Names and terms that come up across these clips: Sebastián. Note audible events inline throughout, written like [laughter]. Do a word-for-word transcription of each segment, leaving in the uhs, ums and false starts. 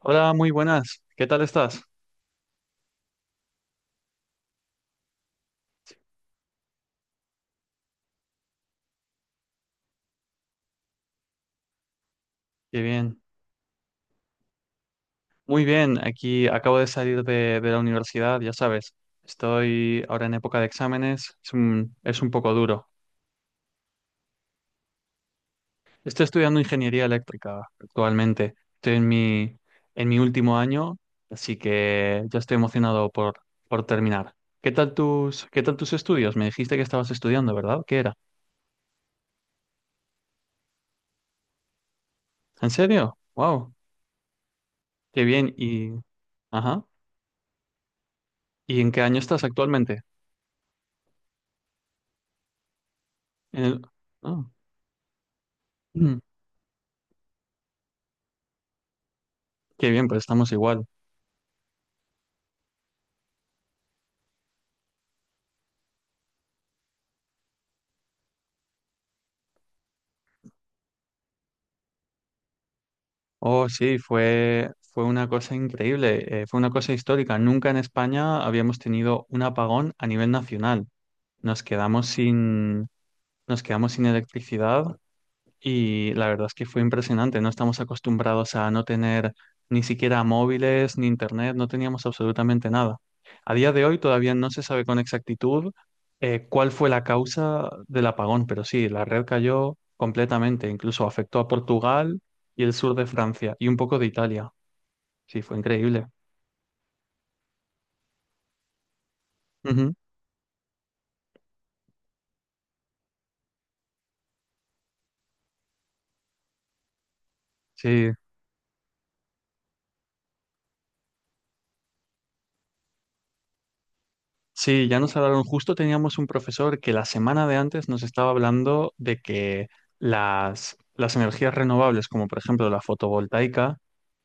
Hola, muy buenas. ¿Qué tal estás? Qué bien. Muy bien, aquí acabo de salir de, de la universidad, ya sabes. Estoy ahora en época de exámenes, es un, es un poco duro. Estoy estudiando ingeniería eléctrica actualmente. Estoy en mi, en mi último año, así que ya estoy emocionado por, por terminar. ¿Qué tal tus, ¿qué tal tus estudios? Me dijiste que estabas estudiando, ¿verdad? ¿Qué era? ¿En serio? ¡Wow! Qué bien. Y, ajá. ¿Y en qué año estás actualmente? En el- ah. Mm. Qué bien, pues estamos igual. Oh, sí, fue, fue una cosa increíble, eh, fue una cosa histórica. Nunca en España habíamos tenido un apagón a nivel nacional. Nos quedamos sin, Nos quedamos sin electricidad. Y la verdad es que fue impresionante. No estamos acostumbrados a no tener ni siquiera móviles ni internet, no teníamos absolutamente nada. A día de hoy todavía no se sabe con exactitud eh, cuál fue la causa del apagón, pero sí, la red cayó completamente, incluso afectó a Portugal y el sur de Francia y un poco de Italia. Sí, fue increíble. Ujú. Sí, sí, ya nos hablaron. Justo teníamos un profesor que la semana de antes nos estaba hablando de que las, las energías renovables, como por ejemplo la fotovoltaica,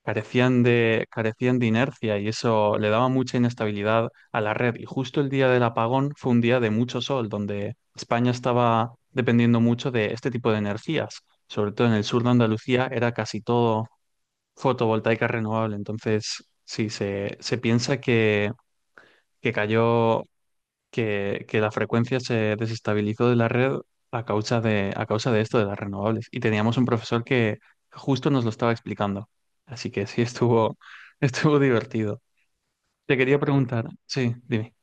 carecían de, carecían de inercia y eso le daba mucha inestabilidad a la red. Y justo el día del apagón fue un día de mucho sol, donde España estaba dependiendo mucho de este tipo de energías. Sobre todo en el sur de Andalucía era casi todo fotovoltaica renovable. Entonces, sí, se, se piensa que, que cayó, que, que la frecuencia se desestabilizó de la red a causa de, a causa de esto de las renovables. Y teníamos un profesor que justo nos lo estaba explicando. Así que sí, estuvo, [laughs] estuvo divertido. Te quería preguntar, sí, dime.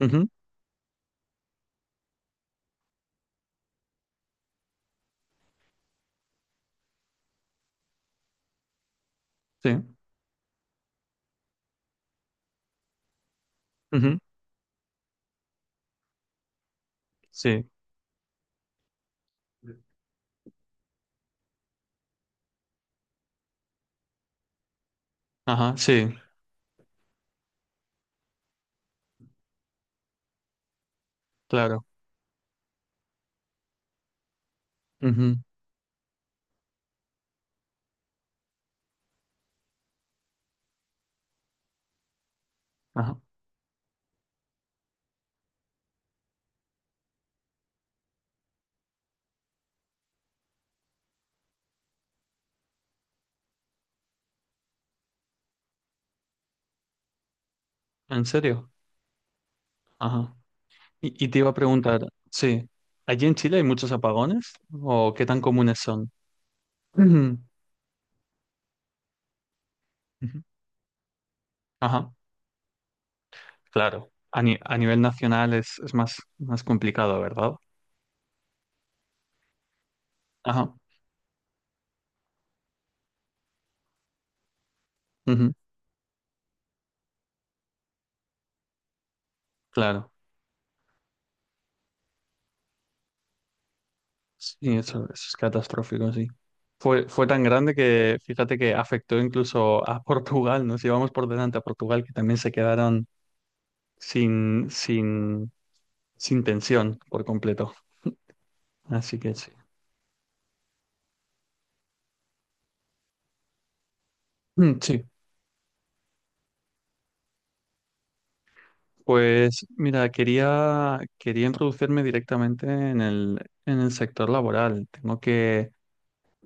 Ujú, sí, ujú, sí, ajá, sí, claro. Ujú, ajá. ¿En serio? Ajá. Y, y te iba a preguntar, sí, ¿allí en Chile hay muchos apagones o qué tan comunes son? Ujú, ujú, ajá. Claro, a, ni- a nivel nacional es, es más, más complicado, ¿verdad? Ajá, ujú, claro. Sí, eso, eso es catastrófico, sí. Fue, fue tan grande que fíjate que afectó incluso a [laughs] Portugal, nos llevamos por delante a Portugal, que también se quedaron sin, sin, sin tensión por completo. Así que sí. Mm, sí, pues mira, quería, quería introducirme directamente en el, en el sector laboral. Tengo que,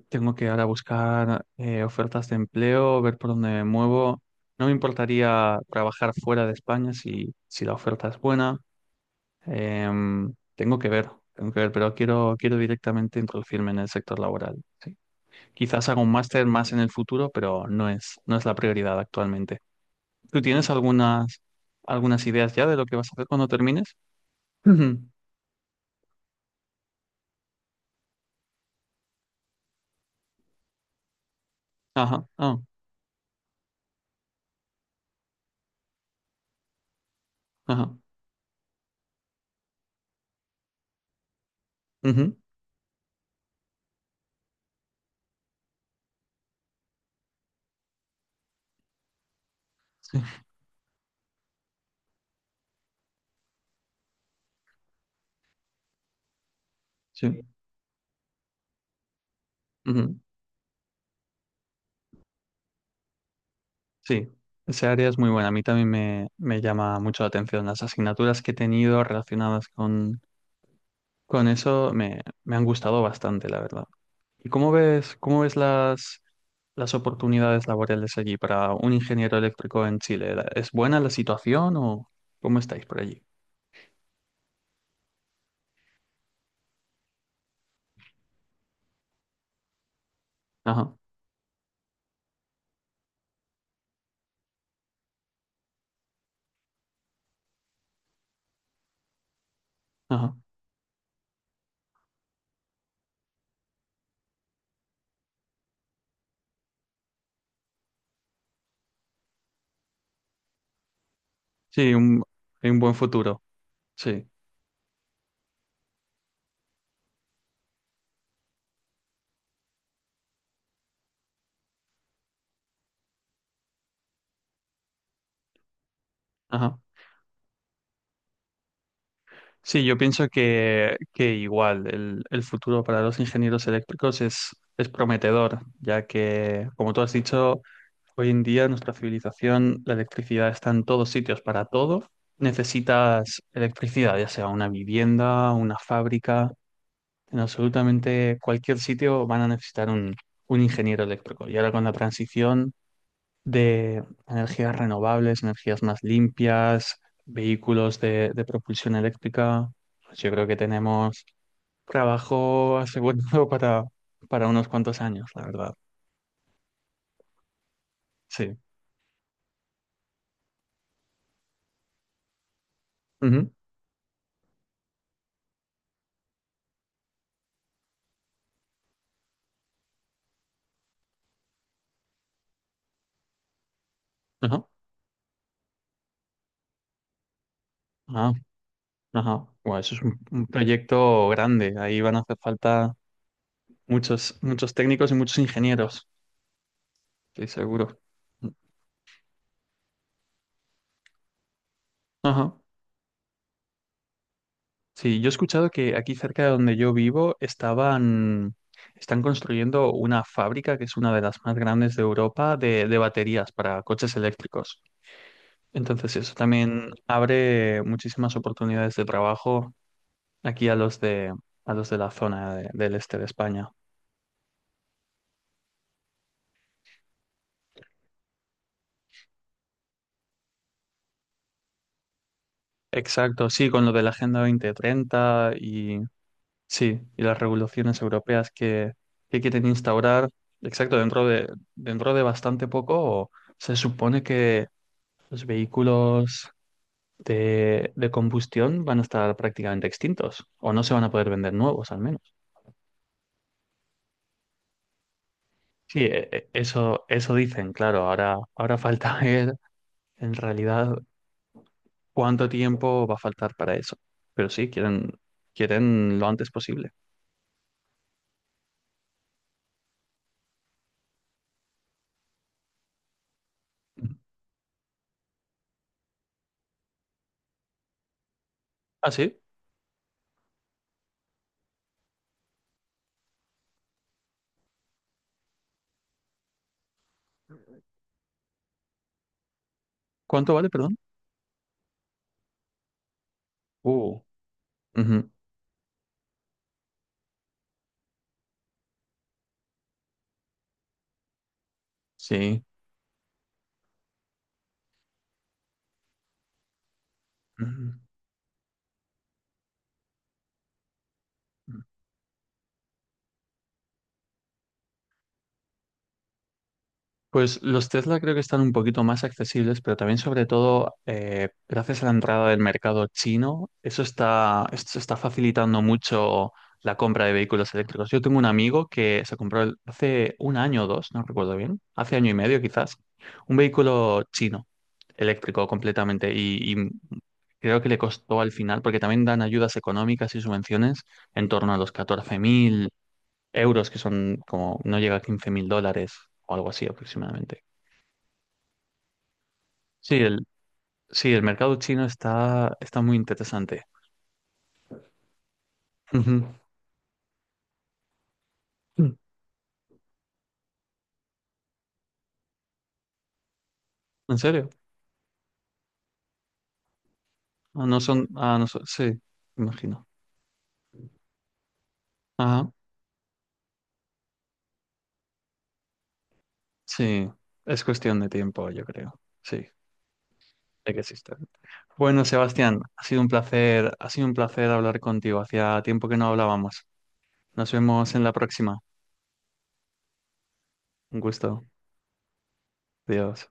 tengo que ahora buscar eh, ofertas de empleo, ver por dónde me muevo. No me importaría trabajar fuera de España si, si la oferta es buena. Em, tengo que ver, tengo que ver, pero quiero, quiero directamente introducirme en el sector laboral. Sí. Quizás haga un máster más en el futuro, pero no es, no es la prioridad actualmente. ¿Tú tienes algunas, algunas ideas ya de lo que vas a hacer cuando termines? Ujú. [laughs] Ajá, ah, ajá, ujú. Sí, sí. Ujú. Sí, esa área es muy buena. A mí también me, me llama mucho la atención. Las asignaturas que he tenido relacionadas con, con eso me, me han gustado bastante, la verdad. ¿Y cómo ves, cómo ves las, las oportunidades laborales allí para un ingeniero eléctrico en Chile? ¿La- ¿Es buena la situación o cómo estáis por allí? Ajá, ajá. Sí, un, hay un buen futuro. Sí, ajá. Sí, yo pienso que, que igual el, el futuro para los ingenieros eléctricos es, es prometedor, ya que, como tú has dicho, hoy en día nuestra civilización, la electricidad está en todos sitios, para todo necesitas electricidad, ya sea una vivienda, una fábrica, en absolutamente cualquier sitio van a necesitar un, un ingeniero eléctrico. Y ahora con la transición de energías renovables, energías más limpias, vehículos de, de propulsión eléctrica, pues yo creo que tenemos trabajo asegurado [laughs] para, para unos cuantos años, la verdad. Sí. Ujú. Ajá. Ah, ajá. Bueno, eso es un, un proyecto grande. Ahí van a hacer falta muchos, muchos técnicos y muchos ingenieros, estoy seguro. Ajá. Sí, yo he escuchado que aquí cerca de donde yo vivo estaban, están construyendo una fábrica que es una de las más grandes de Europa de, de baterías para coches eléctricos. Entonces eso también abre muchísimas oportunidades de trabajo aquí a los de, a los de la zona de- del este de España. Exacto, sí, con lo de la Agenda dos mil treinta y sí, y las regulaciones europeas que, que quieren instaurar, exacto, dentro de, dentro de bastante poco se supone que los vehículos de, de combustión van a estar prácticamente extintos o no se van a poder vender nuevos al menos. Sí, e- e- eso, eso dicen, claro. Ahora, ahora falta [laughs] ver en realidad cuánto tiempo va a faltar para eso. Pero sí, quieren, quieren lo antes posible. Ujú. Ah, sí. ¿Cuánto vale, perdón? Uh, ujú, sí. Ujú. Pues los Tesla creo que están un poquito más accesibles, pero también sobre todo eh, gracias a la entrada del mercado chino, eso está, esto está facilitando mucho la compra de vehículos eléctricos. Yo tengo un amigo que se compró el- hace un año o dos, no recuerdo bien, hace año y medio quizás, un vehículo chino, eléctrico completamente, y, y creo que le costó al final, porque también dan ayudas económicas y subvenciones en torno a los catorce mil euros, que son como, no llega a quince mil dólares o algo así aproximadamente. Sí, el, sí, el mercado chino está, está muy interesante. Ujú. Mm. ¿En serio? Ah, no son, ah, no son, sí, imagino. Ajá, sí, es cuestión de tiempo, yo creo. Sí, de que existen. Bueno, Sebastián, ha sido un placer, ha sido un placer hablar contigo. Hacía tiempo que no hablábamos. Nos vemos en la próxima. Un gusto. Adiós.